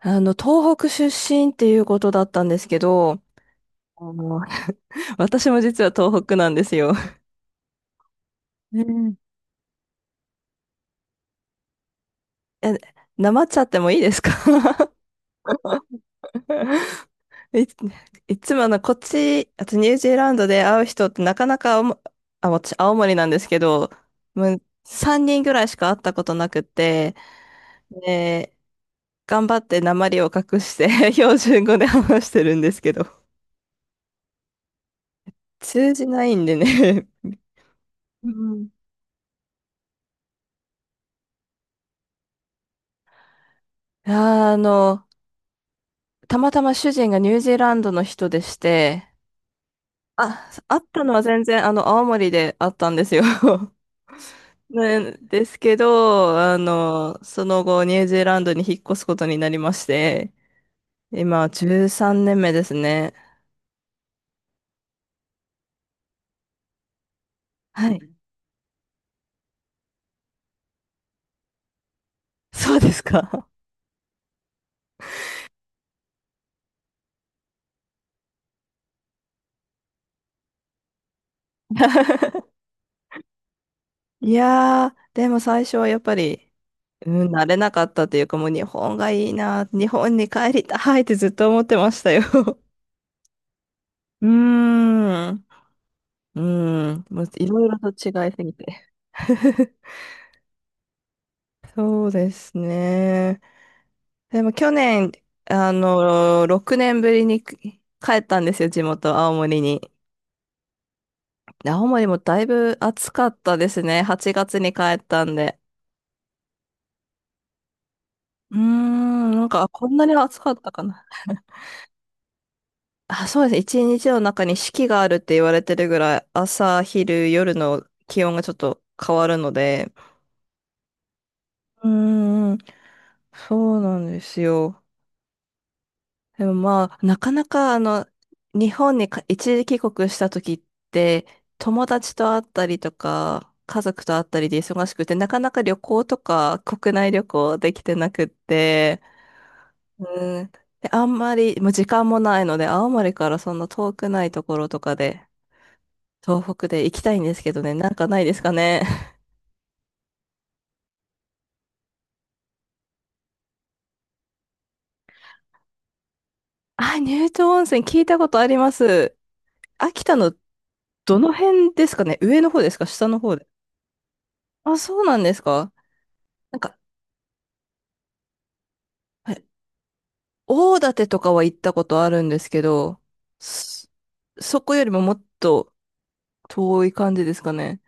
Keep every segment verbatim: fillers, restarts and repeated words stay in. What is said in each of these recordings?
あの、東北出身っていうことだったんですけど、あの 私も実は東北なんですよ。うん。え、なまっちゃってもいいですか？ い、いつもあの、こっち、あとニュージーランドで会う人ってなかなか青も、あ、私、青森なんですけど、もうさんにんぐらいしか会ったことなくて、で、頑張ってなまりを隠して 標準語で話してるんですけど、通じないんでね。うん。あの、たまたま主人がニュージーランドの人でして、あ、会ったのは全然、あの、青森で会ったんですよ。ね、ですけど、あの、その後、ニュージーランドに引っ越すことになりまして、今、じゅうさんねんめですね。はい。そうですか。いやー、でも最初はやっぱり、うん、慣れなかったというか、もう日本がいいな、日本に帰りたいってずっと思ってましたよ。うーん。うん、もういろいろと違いすぎて。そうですね。でも去年、あの、ろくねんぶりに帰ったんですよ、地元、青森に。で青森もだいぶ暑かったですね。はちがつに帰ったんで。うーん、なんか、あこんなに暑かったかな。あ、そうですね。一日の中に四季があるって言われてるぐらい、朝、昼、夜の気温がちょっと変わるので。うーん、そうなんですよ。でもまあ、なかなかあの、日本にか一時帰国した時って、友達と会ったりとか、家族と会ったりで忙しくて、なかなか旅行とか国内旅行できてなくって、うん。で、あんまり、もう時間もないので、青森からそんな遠くないところとかで、東北で行きたいんですけどね、なんかないですかね。あ、乳頭温泉聞いたことあります。秋田のどの辺ですかね、上の方ですか下の方で。あ、そうなんですか。なんか、大館とかは行ったことあるんですけど、そ、そこよりももっと遠い感じですかね。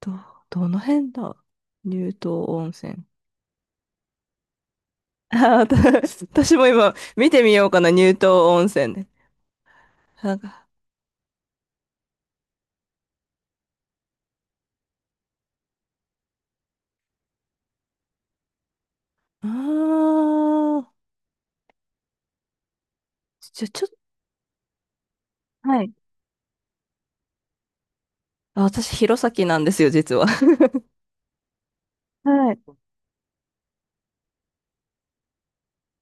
ど、どの辺だ乳頭温泉。あー、私私も今見てみようかな、乳頭温泉で。なんか、あー、じゃ、ちょっと、はい。あ、私、弘前なんですよ、実は。はい。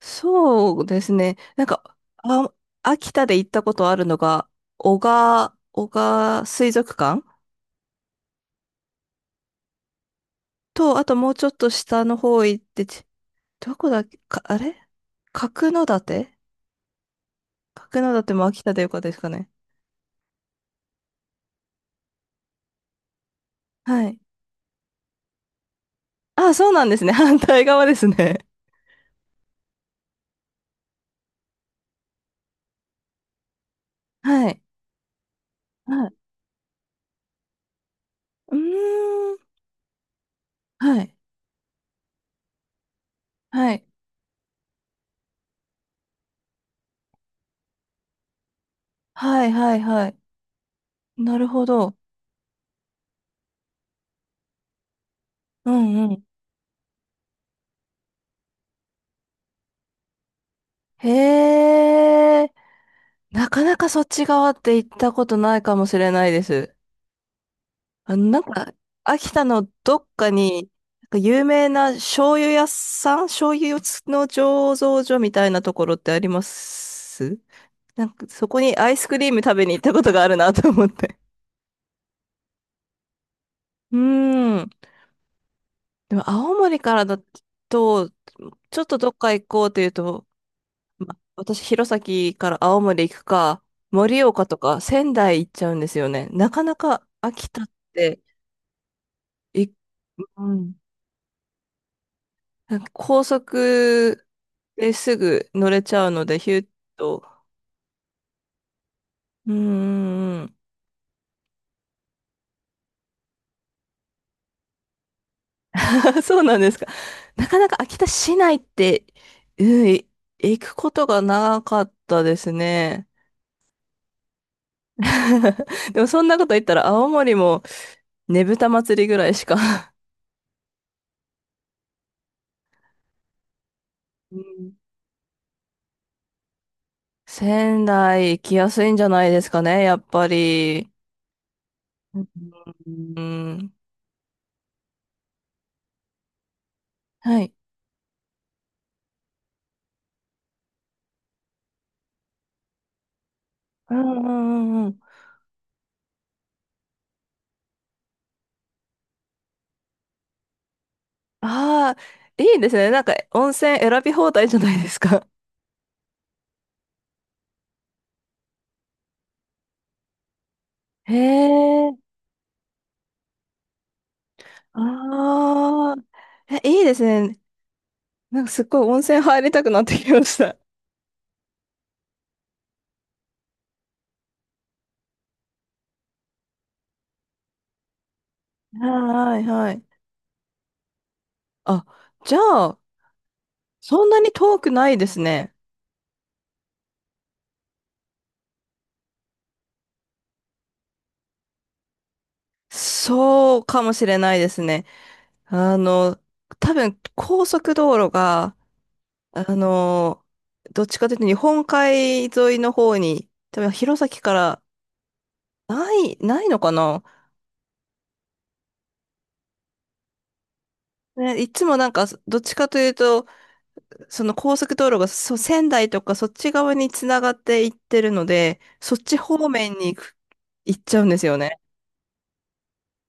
そうですね。なんか、あ、秋田で行ったことあるのが、男鹿、男鹿水族館と、あともうちょっと下の方行って、ちどこだっけ、か、あれ角館、角館も秋田でよかったですかね。はい。あ、そうなんですね。反対側ですね。はい。はい。うーん。はい。はい。はい、はい、はい。なるほど。うんうん。へえ。なかなかそっち側って行ったことないかもしれないです。あの、なんか、秋田のどっかに、なんか有名な醤油屋さん、醤油の醸造所みたいなところってあります？なんか、そこにアイスクリーム食べに行ったことがあるなと思って。うーん。でも、青森からだと、ちょっとどっか行こうというと、ま、私、弘前から青森行くか、盛岡とか仙台行っちゃうんですよね。なかなか秋田って、い、うんなんか高速ですぐ乗れちゃうので、ヒュッと。うんん。そうなんですか。なかなか秋田市内って、うん、い行くことがなかったですね。でもそんなこと言ったら青森もねぶた祭りぐらいしか。うん。仙台行きやすいんじゃないですかね、やっぱり。うん。うん。はい。うんうんうんうん。ああ、いいですね。なんか温泉選び放題じゃないですか。へえ、ああ、え、いいですね。なんかすっごい温泉入りたくなってきました。はいはい。あ、じゃあ、そんなに遠くないですね。そうかもしれないですね。あの、多分高速道路が、あの、どっちかというと日本海沿いの方に、多分弘前からない、ないのかな。ね、いつもなんか、どっちかというと、その高速道路がそ仙台とかそっち側につながっていってるので、そっち方面に行く、行っちゃうんですよね。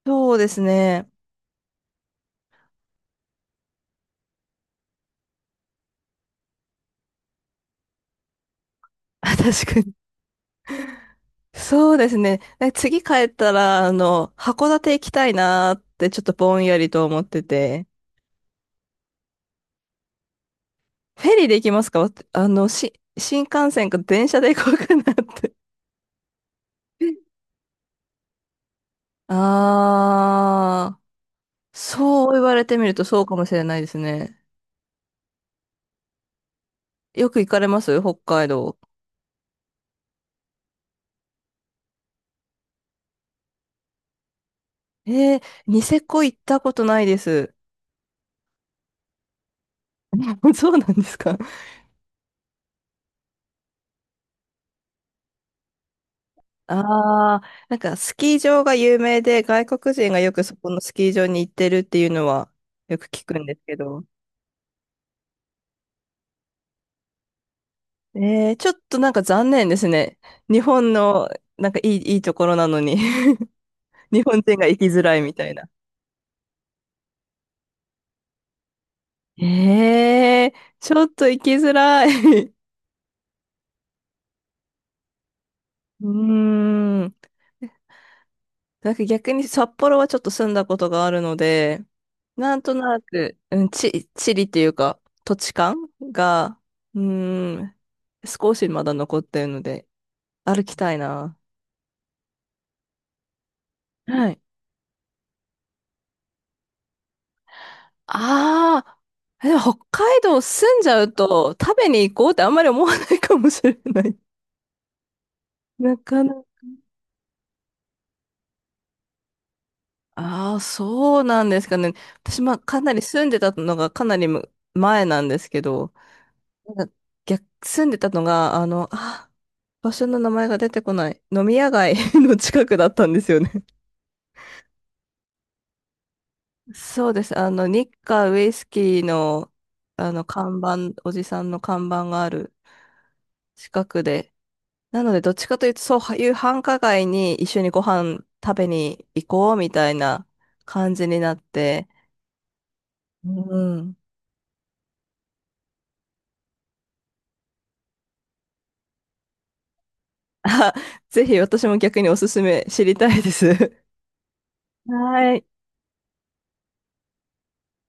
そうですね。あ確かに。そうですね。え次帰ったら、あの、函館行きたいなーってちょっとぼんやりと思ってて。フェリーで行きますか？わあの、し、新幹線か電車で行こうかなって。あー、そう言われてみるとそうかもしれないですね。よく行かれます北海道。えー、ニセコ行ったことないです。そうなんですか。ああー、なんかスキー場が有名で外国人がよくそこのスキー場に行ってるっていうのはよく聞くんですけど。えー、ちょっとなんか残念ですね。日本のなんかいい、いいところなのに 日本人が行きづらいみたいな。えー、ちょっと行きづらい うーん。なんか逆に札幌はちょっと住んだことがあるので、なんとなく、うん、地、地理っていうか、土地感が、うーん、少しまだ残ってるので、歩きたいな。はい。ああ、でも北海道住んじゃうと、食べに行こうってあんまり思わないかもしれない。なかなか。ああ、そうなんですかね。私、まあ、かなり住んでたのがかなりむ前なんですけど、なんか逆、住んでたのが、あの、あ、場所の名前が出てこない。飲み屋街 の近くだったんですよね。そうです。あの、日華ウイスキーの、あの、看板、おじさんの看板がある近くで。なので、どっちかというと、そういう繁華街に一緒にご飯食べに行こうみたいな感じになって。うん。あ、ぜひ私も逆におすすめ知りたいです。はい。